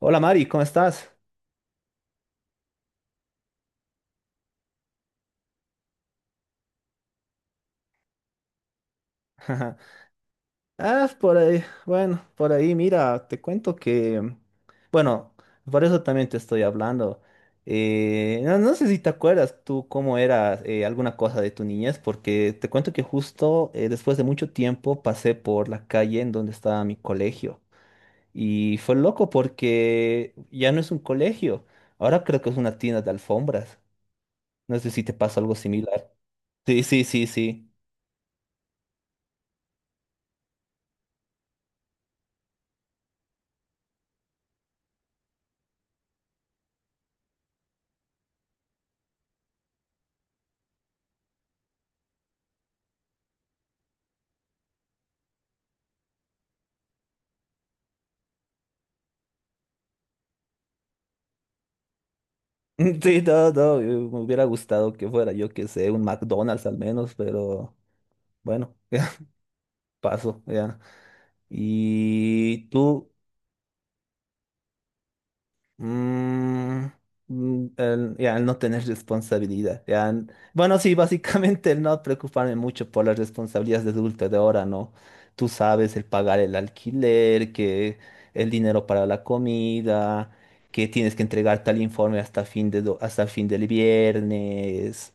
Hola Mari, ¿cómo estás? Ah, por ahí, bueno, por ahí, mira, te cuento que, bueno, por eso también te estoy hablando. No sé si te acuerdas tú cómo era alguna cosa de tu niñez, porque te cuento que justo después de mucho tiempo pasé por la calle en donde estaba mi colegio y fue loco porque ya no es un colegio, ahora creo que es una tienda de alfombras. No sé si te pasa algo similar. Sí, sí, sí, sí. Sí, no, no, me hubiera gustado que fuera, yo que sé, un McDonald's al menos, pero bueno, paso, ya. ¿Y tú? Mm, mm, el no tener responsabilidad. Bueno, sí, básicamente el no preocuparme mucho por las responsabilidades de adulto de ahora, ¿no? Tú sabes, el pagar el alquiler, que el dinero para la comida, que tienes que entregar tal informe hasta hasta fin del viernes.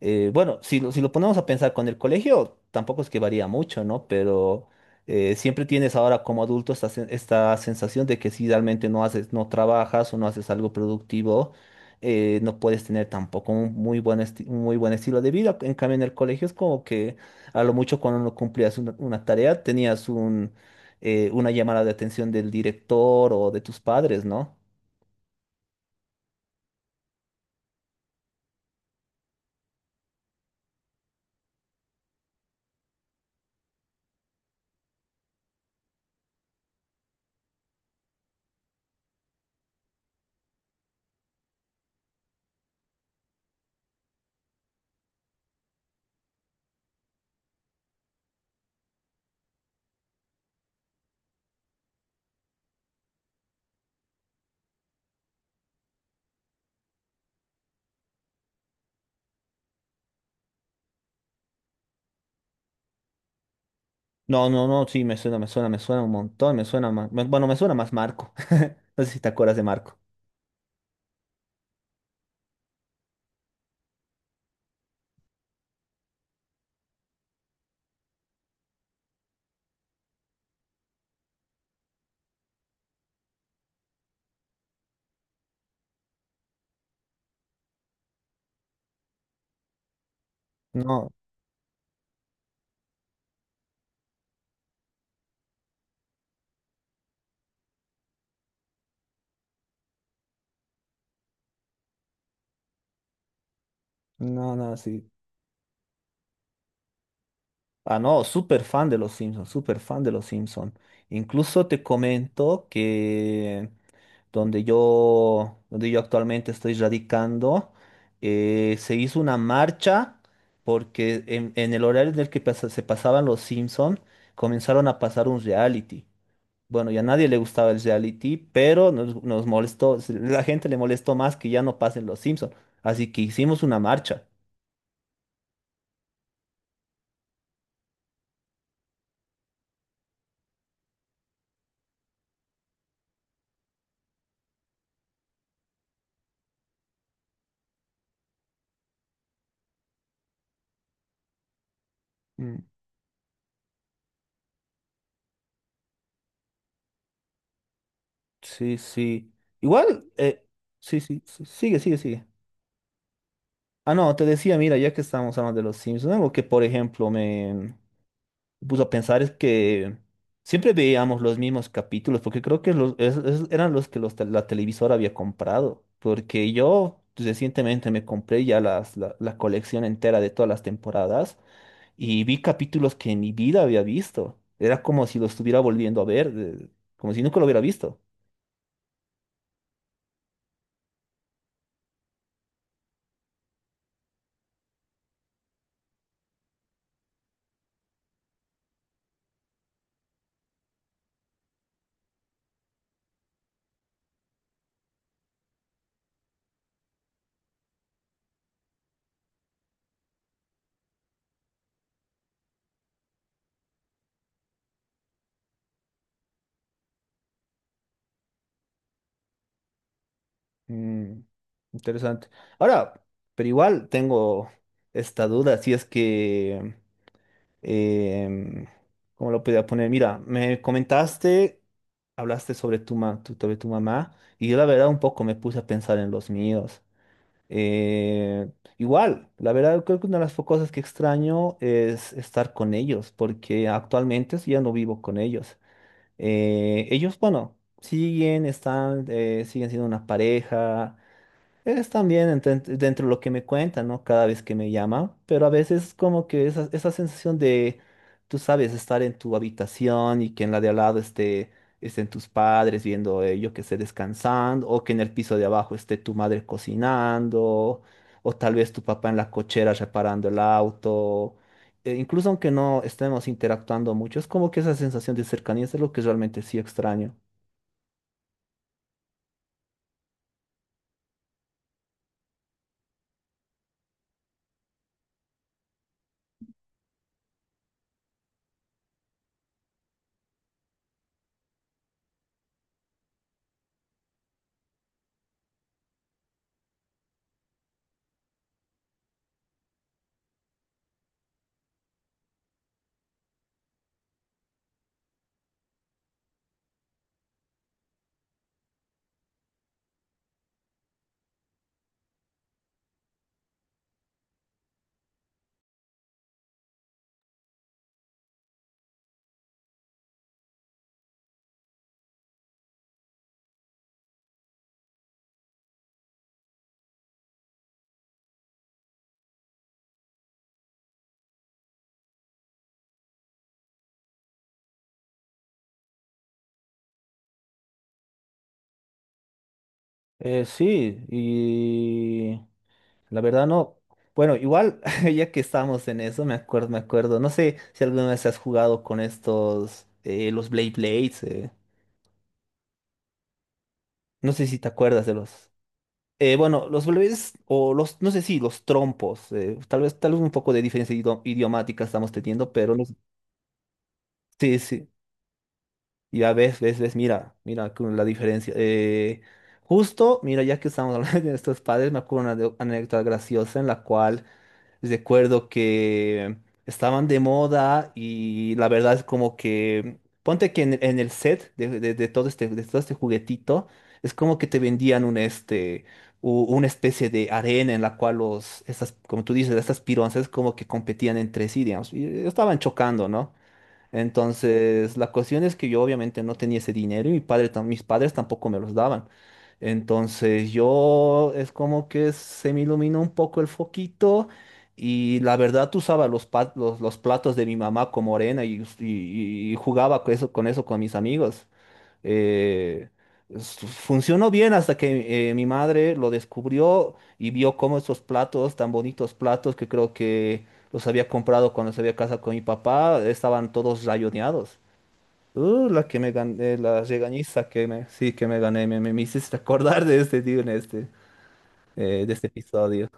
Bueno, si lo ponemos a pensar con el colegio, tampoco es que varía mucho, ¿no? Pero siempre tienes ahora como adulto esta sensación de que si realmente no haces, no trabajas o no haces algo productivo, no puedes tener tampoco un muy un muy buen estilo de vida. En cambio, en el colegio es como que a lo mucho cuando no cumplías una tarea, tenías una llamada de atención del director o de tus padres, ¿no? No, no, no, sí, me suena, me suena, me suena un montón, me suena más, bueno, me suena más Marco. No sé si te acuerdas de Marco. No, no, no, sí. Ah, no, súper fan de los Simpsons, súper fan de los Simpsons. Incluso te comento que donde yo actualmente estoy radicando, se hizo una marcha porque en el horario en el que se pasaban los Simpsons, comenzaron a pasar un reality. Bueno, ya a nadie le gustaba el reality, pero nos molestó, la gente le molestó más que ya no pasen los Simpsons. Así que hicimos una marcha. Sí, sí. Igual, sí, sí, sí, sigue, sigue, sigue. Ah, no, te decía, mira, ya que estamos hablando de los Simpsons, algo que, por ejemplo, me puso a pensar es que siempre veíamos los mismos capítulos, porque creo que eran los que la televisora había comprado, porque yo recientemente me compré ya la colección entera de todas las temporadas y vi capítulos que en mi vida había visto. Era como si lo estuviera volviendo a ver, como si nunca lo hubiera visto. Mm, interesante. Ahora, pero igual tengo esta duda, si es que, em, ¿cómo lo podía poner? Mira, me comentaste, hablaste sobre sobre tu mamá y yo la verdad un poco me puse a pensar en los míos. Eh, Igual, la verdad creo que una de las cosas que extraño es estar con ellos, porque actualmente sí ya no vivo con ellos. Ellos, bueno, siguen, están, siguen siendo una pareja es también dentro de lo que me cuenta, ¿no? Cada vez que me llama, pero a veces como que esa sensación de, tú sabes, estar en tu habitación y que en la de al lado estén tus padres viendo, yo que sé, descansando, o que en el piso de abajo esté tu madre cocinando, o tal vez tu papá en la cochera reparando el auto. Incluso aunque no estemos interactuando mucho, es como que esa sensación de cercanía es lo que realmente sí extraño. Sí, y la verdad no. Bueno, igual, ya que estamos en eso, me acuerdo, me acuerdo. No sé si alguna vez has jugado con estos, los Blade Blades. No sé si te acuerdas de los. Bueno, los Blades o los, no sé si los trompos. Tal vez un poco de diferencia idiomática estamos teniendo, pero no, sí, sí. Ya ves, ves, ves, mira, mira con la diferencia. Justo, mira, ya que estamos hablando de estos padres, me acuerdo una anécdota graciosa en la cual recuerdo que estaban de moda y la verdad es como que, ponte que en el set de todo este juguetito, es como que te vendían un este, una especie de arena en la cual los, estas, como tú dices, estas pironzas como que competían entre sí, digamos, y estaban chocando, ¿no? Entonces, la cuestión es que yo obviamente no tenía ese dinero y mi padre, mis padres tampoco me los daban. Entonces, yo es como que se me iluminó un poco el foquito y la verdad usaba los platos de mi mamá como arena y, y jugaba con eso, con eso con mis amigos, eh, funcionó bien hasta que mi madre lo descubrió y vio cómo estos platos, tan bonitos platos que creo que los había comprado cuando se había casado con mi papá, estaban todos rayoneados. La que me gané, la regañiza que me, sí, que me gané, me hiciste acordar de este tío en este, de este episodio.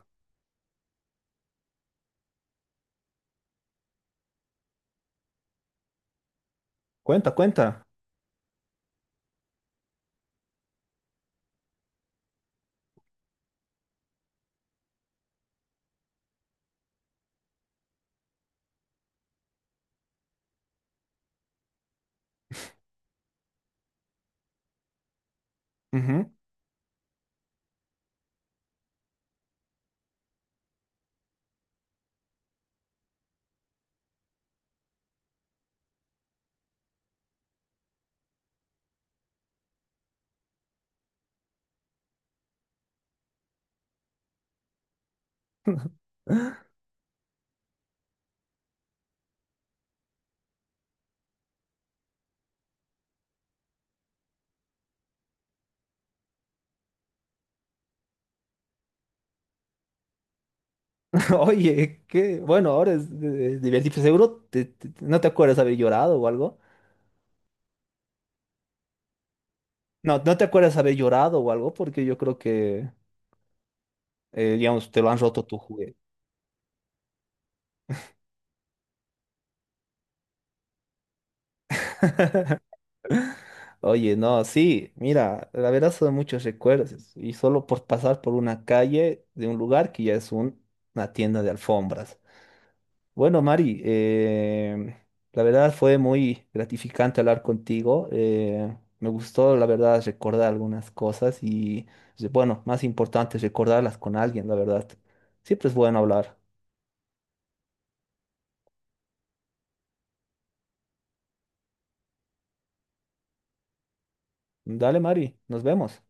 Cuenta, cuenta. Ujú. Oye, qué bueno, ahora es divertido. Seguro no te acuerdas haber llorado o algo. No, no te acuerdas haber llorado o algo, porque yo creo que, digamos, te lo han roto tu juguete. Oye, no, sí, mira, la verdad son muchos recuerdos. Y solo por pasar por una calle de un lugar que ya es un, una tienda de alfombras. Bueno, Mari, la verdad fue muy gratificante hablar contigo. Me gustó, la verdad, recordar algunas cosas y, pues, bueno, más importante, recordarlas con alguien, la verdad. Siempre es bueno hablar. Dale, Mari, nos vemos.